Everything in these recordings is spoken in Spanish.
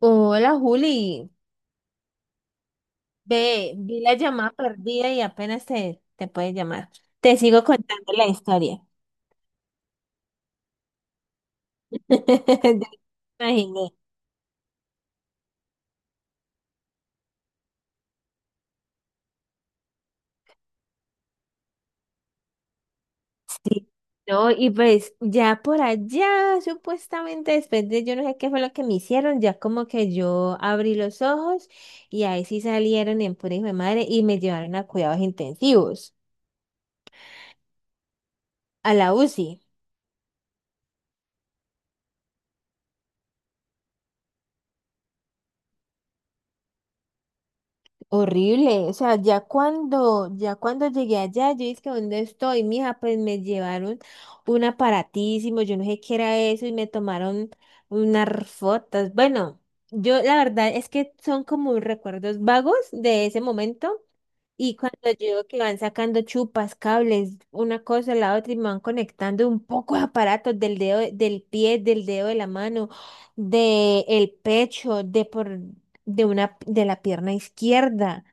Hola Juli, vi la llamada perdida y apenas te puedes llamar. Te sigo contando la historia. Ya me imaginé. Sí. No, y pues ya por allá, supuestamente después de yo no sé qué fue lo que me hicieron, ya como que yo abrí los ojos y ahí sí salieron en pura hijo de madre y me llevaron a cuidados intensivos, a la UCI. Horrible, o sea, ya cuando llegué allá, yo dije, ¿dónde estoy, mija? Pues me llevaron un aparatísimo, yo no sé qué era eso, y me tomaron unas fotos. Bueno, yo la verdad es que son como recuerdos vagos de ese momento, y cuando yo veo que van sacando chupas, cables, una cosa, la otra, y me van conectando un poco de aparatos del dedo, del pie, del dedo de la mano, del pecho, de por de una, de la pierna izquierda.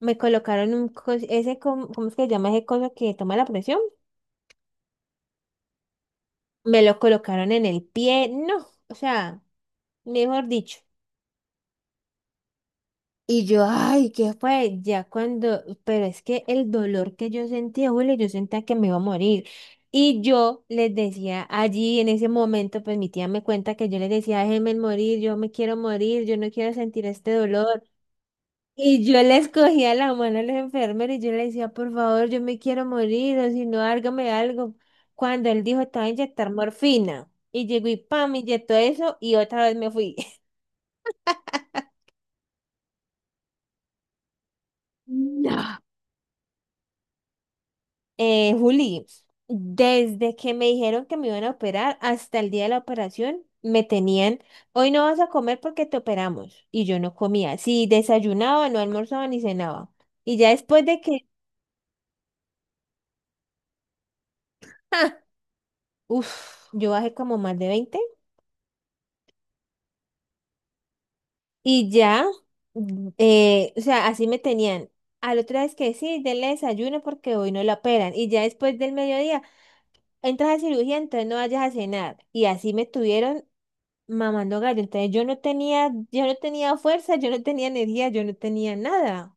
Me colocaron un, cos- ese, com- ¿cómo es que se llama ese coso que toma la presión? Me lo colocaron en el pie, no, o sea, mejor dicho. Y yo, ay, ¿qué fue? Ya cuando, pero es que el dolor que yo sentía, Julio, yo sentía que me iba a morir. Y yo les decía allí en ese momento, pues mi tía me cuenta que yo les decía, déjenme morir, yo me quiero morir, yo no quiero sentir este dolor. Y yo les cogía la mano a los enfermeros y yo le decía, por favor, yo me quiero morir, o si no, hágame algo. Cuando él dijo, estaba a inyectar morfina. Y llegó y pam, me inyectó eso y otra vez me fui. No. Juli, desde que me dijeron que me iban a operar hasta el día de la operación, me tenían, hoy no vas a comer porque te operamos. Y yo no comía. Si desayunaba, no almorzaba ni cenaba. Y ya después de que, uff yo bajé como más de 20. Y ya, o sea, así me tenían. Al otro día es que sí, denle desayuno porque hoy no lo operan. Y ya después del mediodía, entras a cirugía, entonces no vayas a cenar. Y así me tuvieron mamando gallo. Entonces yo no tenía fuerza, yo no tenía energía, yo no tenía nada.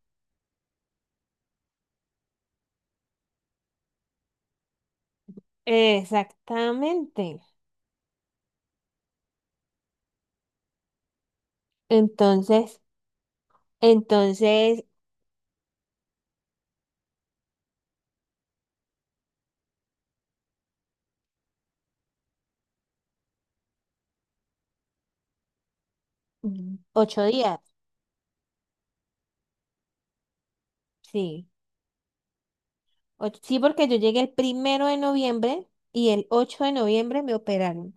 Exactamente. Entonces, entonces, mm, 8 días, sí. Sí, porque yo llegué el 1 de noviembre y el 8 de noviembre me operaron.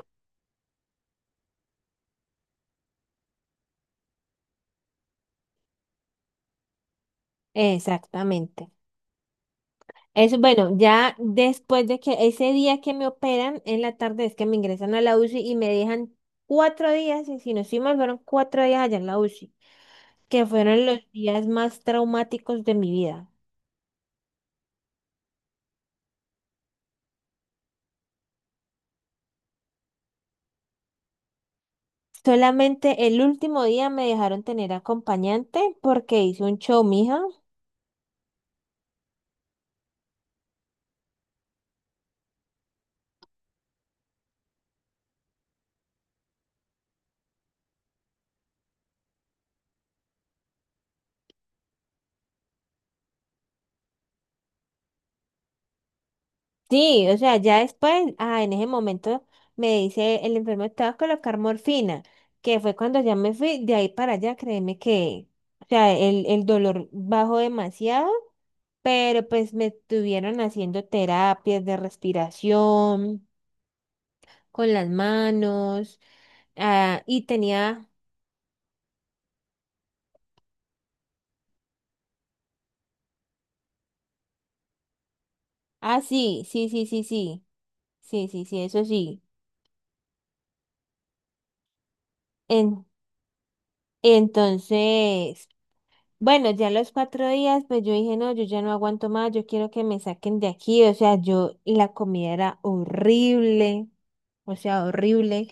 Exactamente. Eso, bueno, ya después de que ese día que me operan, en la tarde es que me ingresan a la UCI y me dejan 4 días, y si no estoy mal, fueron 4 días allá en la UCI, que fueron los días más traumáticos de mi vida. Solamente el último día me dejaron tener acompañante porque hice un show, mija. Sí, o sea, en ese momento me dice el enfermo, te vas a colocar morfina, que fue cuando ya me fui de ahí para allá, créeme que, o sea, el dolor bajó demasiado, pero pues me estuvieron haciendo terapias de respiración con las manos, ah, y tenía, ah, sí, sí, sí, sí, sí, sí, sí, sí, eso sí. En, entonces, bueno, ya los 4 días, pues yo dije, no, yo ya no aguanto más, yo quiero que me saquen de aquí. O sea, yo, y la comida era horrible, o sea, horrible,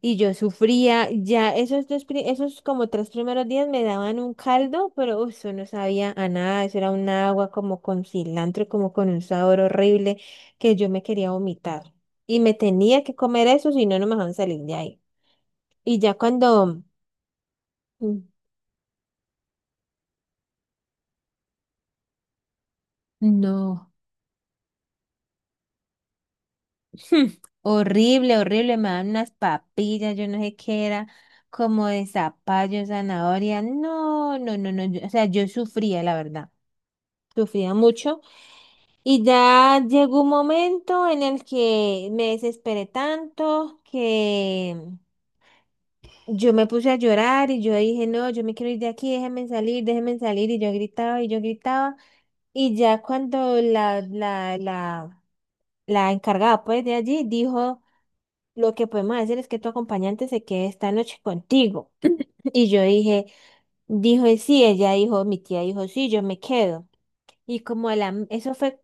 y yo sufría. Ya esos como 3 primeros días me daban un caldo, pero uf, eso no sabía a nada, eso era un agua como con cilantro, como con un sabor horrible, que yo me quería vomitar. Y me tenía que comer eso, si no, no me dejaban salir de ahí. Y ya cuando... Mm. No. Hmm, horrible, horrible, me daban unas papillas, yo no sé qué era, como de zapallo, zanahoria, no, no, no, no, o sea, yo sufría, la verdad, sufría mucho. Y ya llegó un momento en el que me desesperé tanto que yo me puse a llorar y yo dije, no, yo me quiero ir de aquí, déjenme salir, y yo gritaba y yo gritaba. Y ya cuando la encargada pues de allí dijo, lo que podemos hacer es que tu acompañante se quede esta noche contigo. Y yo dije, dijo, "Y sí, ella dijo, mi tía dijo, sí, yo me quedo. Y como a la, eso fue,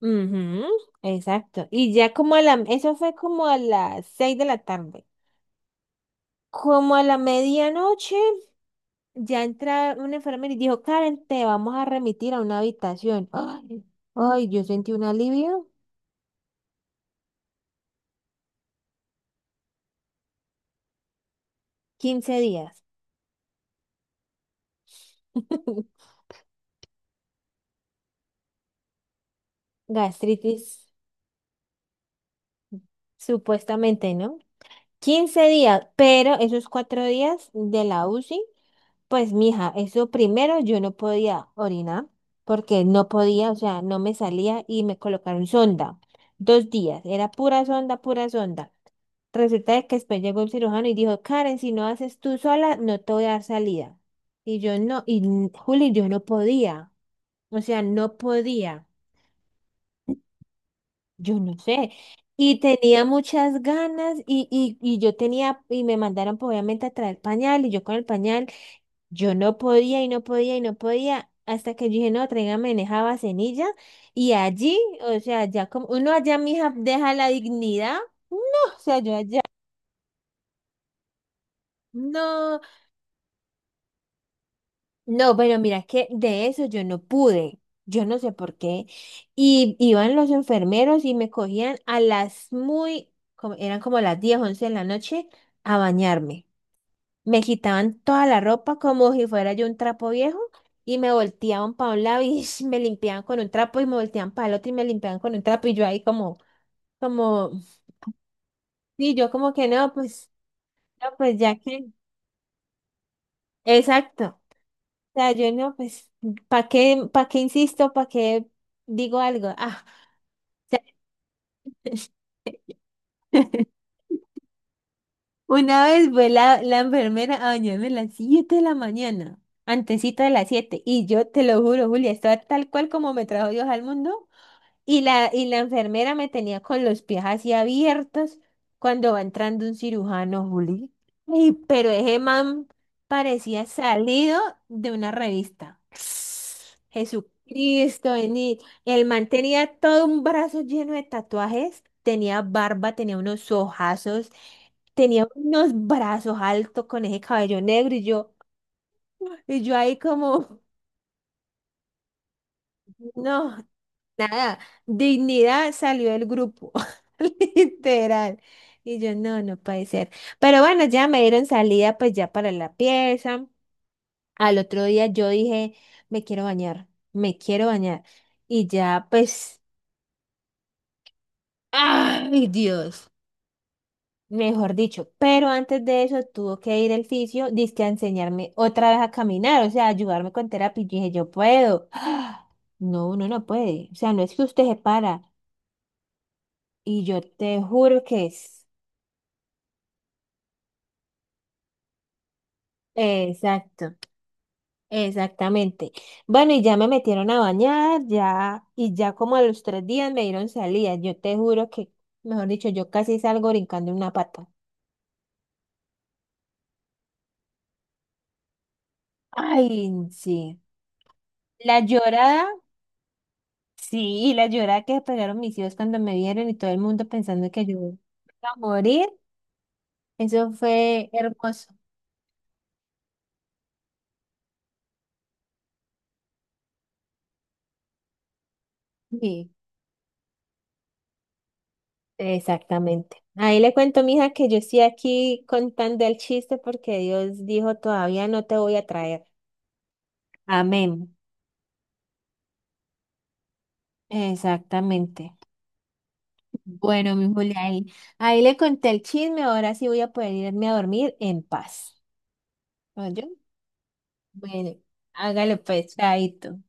ujú, exacto. Y ya como a la, eso fue como a las 6 de la tarde. Como a la medianoche, ya entra un enfermero y dijo, Karen, te vamos a remitir a una habitación. Ay, ay, yo sentí un alivio. Quince días. Gastritis. Supuestamente, ¿no? 15 días, pero esos 4 días de la UCI, pues mija, eso primero yo no podía orinar porque no podía, o sea, no me salía y me colocaron sonda. 2 días, era pura sonda, pura sonda. Resulta de que después llegó el cirujano y dijo, Karen, si no haces tú sola, no te voy a dar salida. Y yo no, Juli, yo no podía, o sea, no podía. Yo no sé. Y tenía muchas ganas y yo tenía, y me mandaron pues, obviamente a traer pañal y yo con el pañal, yo no podía y no podía y no podía hasta que yo dije, no, tráigame en esa vasenilla y allí, o sea, ya como uno allá, mija, deja la dignidad. No, o sea, yo allá, no. No, pero mira que de eso yo no pude. Yo no sé por qué. Y iban los enfermeros y me cogían a las muy, como, eran como las 10, 11 de la noche, a bañarme. Me quitaban toda la ropa como si fuera yo un trapo viejo y me volteaban para un lado y me limpiaban con un trapo y me volteaban para el otro y me limpiaban con un trapo y yo ahí como, sí, yo como que no, pues, no, pues ya que, exacto. Sea, yo no, pues, para qué insisto? ¿Para qué digo algo? Ah, una vez fue la enfermera a bañarme a las 7 de la mañana, antesito de las 7 y yo te lo juro, Julia, estaba tal cual como me trajo Dios al mundo. Y la enfermera me tenía con los pies así abiertos cuando va entrando un cirujano, Juli. Y, pero ese man parecía salido de una revista. Jesucristo, vení. El man tenía todo un brazo lleno de tatuajes, tenía barba, tenía unos ojazos, tenía unos brazos altos con ese cabello negro y yo ahí como, no. Nada, dignidad salió del grupo, literal. Y yo, no, no puede ser. Pero bueno, ya me dieron salida pues ya para la pieza. Al otro día yo dije, me quiero bañar, me quiero bañar. Y ya pues, ay Dios, mejor dicho. Pero antes de eso tuvo que ir el fisio, dizque a enseñarme otra vez a caminar, o sea, ayudarme con terapia. Y yo dije, yo puedo. No, uno no puede. O sea, no es que usted se para. Y yo te juro que es. Exacto, exactamente. Bueno, y ya me metieron a bañar, ya, y ya como a los 3 días me dieron salida. Yo te juro que, mejor dicho, yo casi salgo brincando en una pata. Ay, sí. La llorada, sí, la llorada que pegaron mis hijos cuando me vieron y todo el mundo pensando que yo iba a morir, eso fue hermoso. Sí, exactamente. Ahí le cuento, mija, que yo estoy aquí contando el chiste porque Dios dijo, todavía no te voy a traer. Amén. Exactamente. Bueno, mi Julia, ahí le conté el chisme, ahora sí voy a poder irme a dormir en paz. ¿Oyó? Bueno, hágale pues, chaito.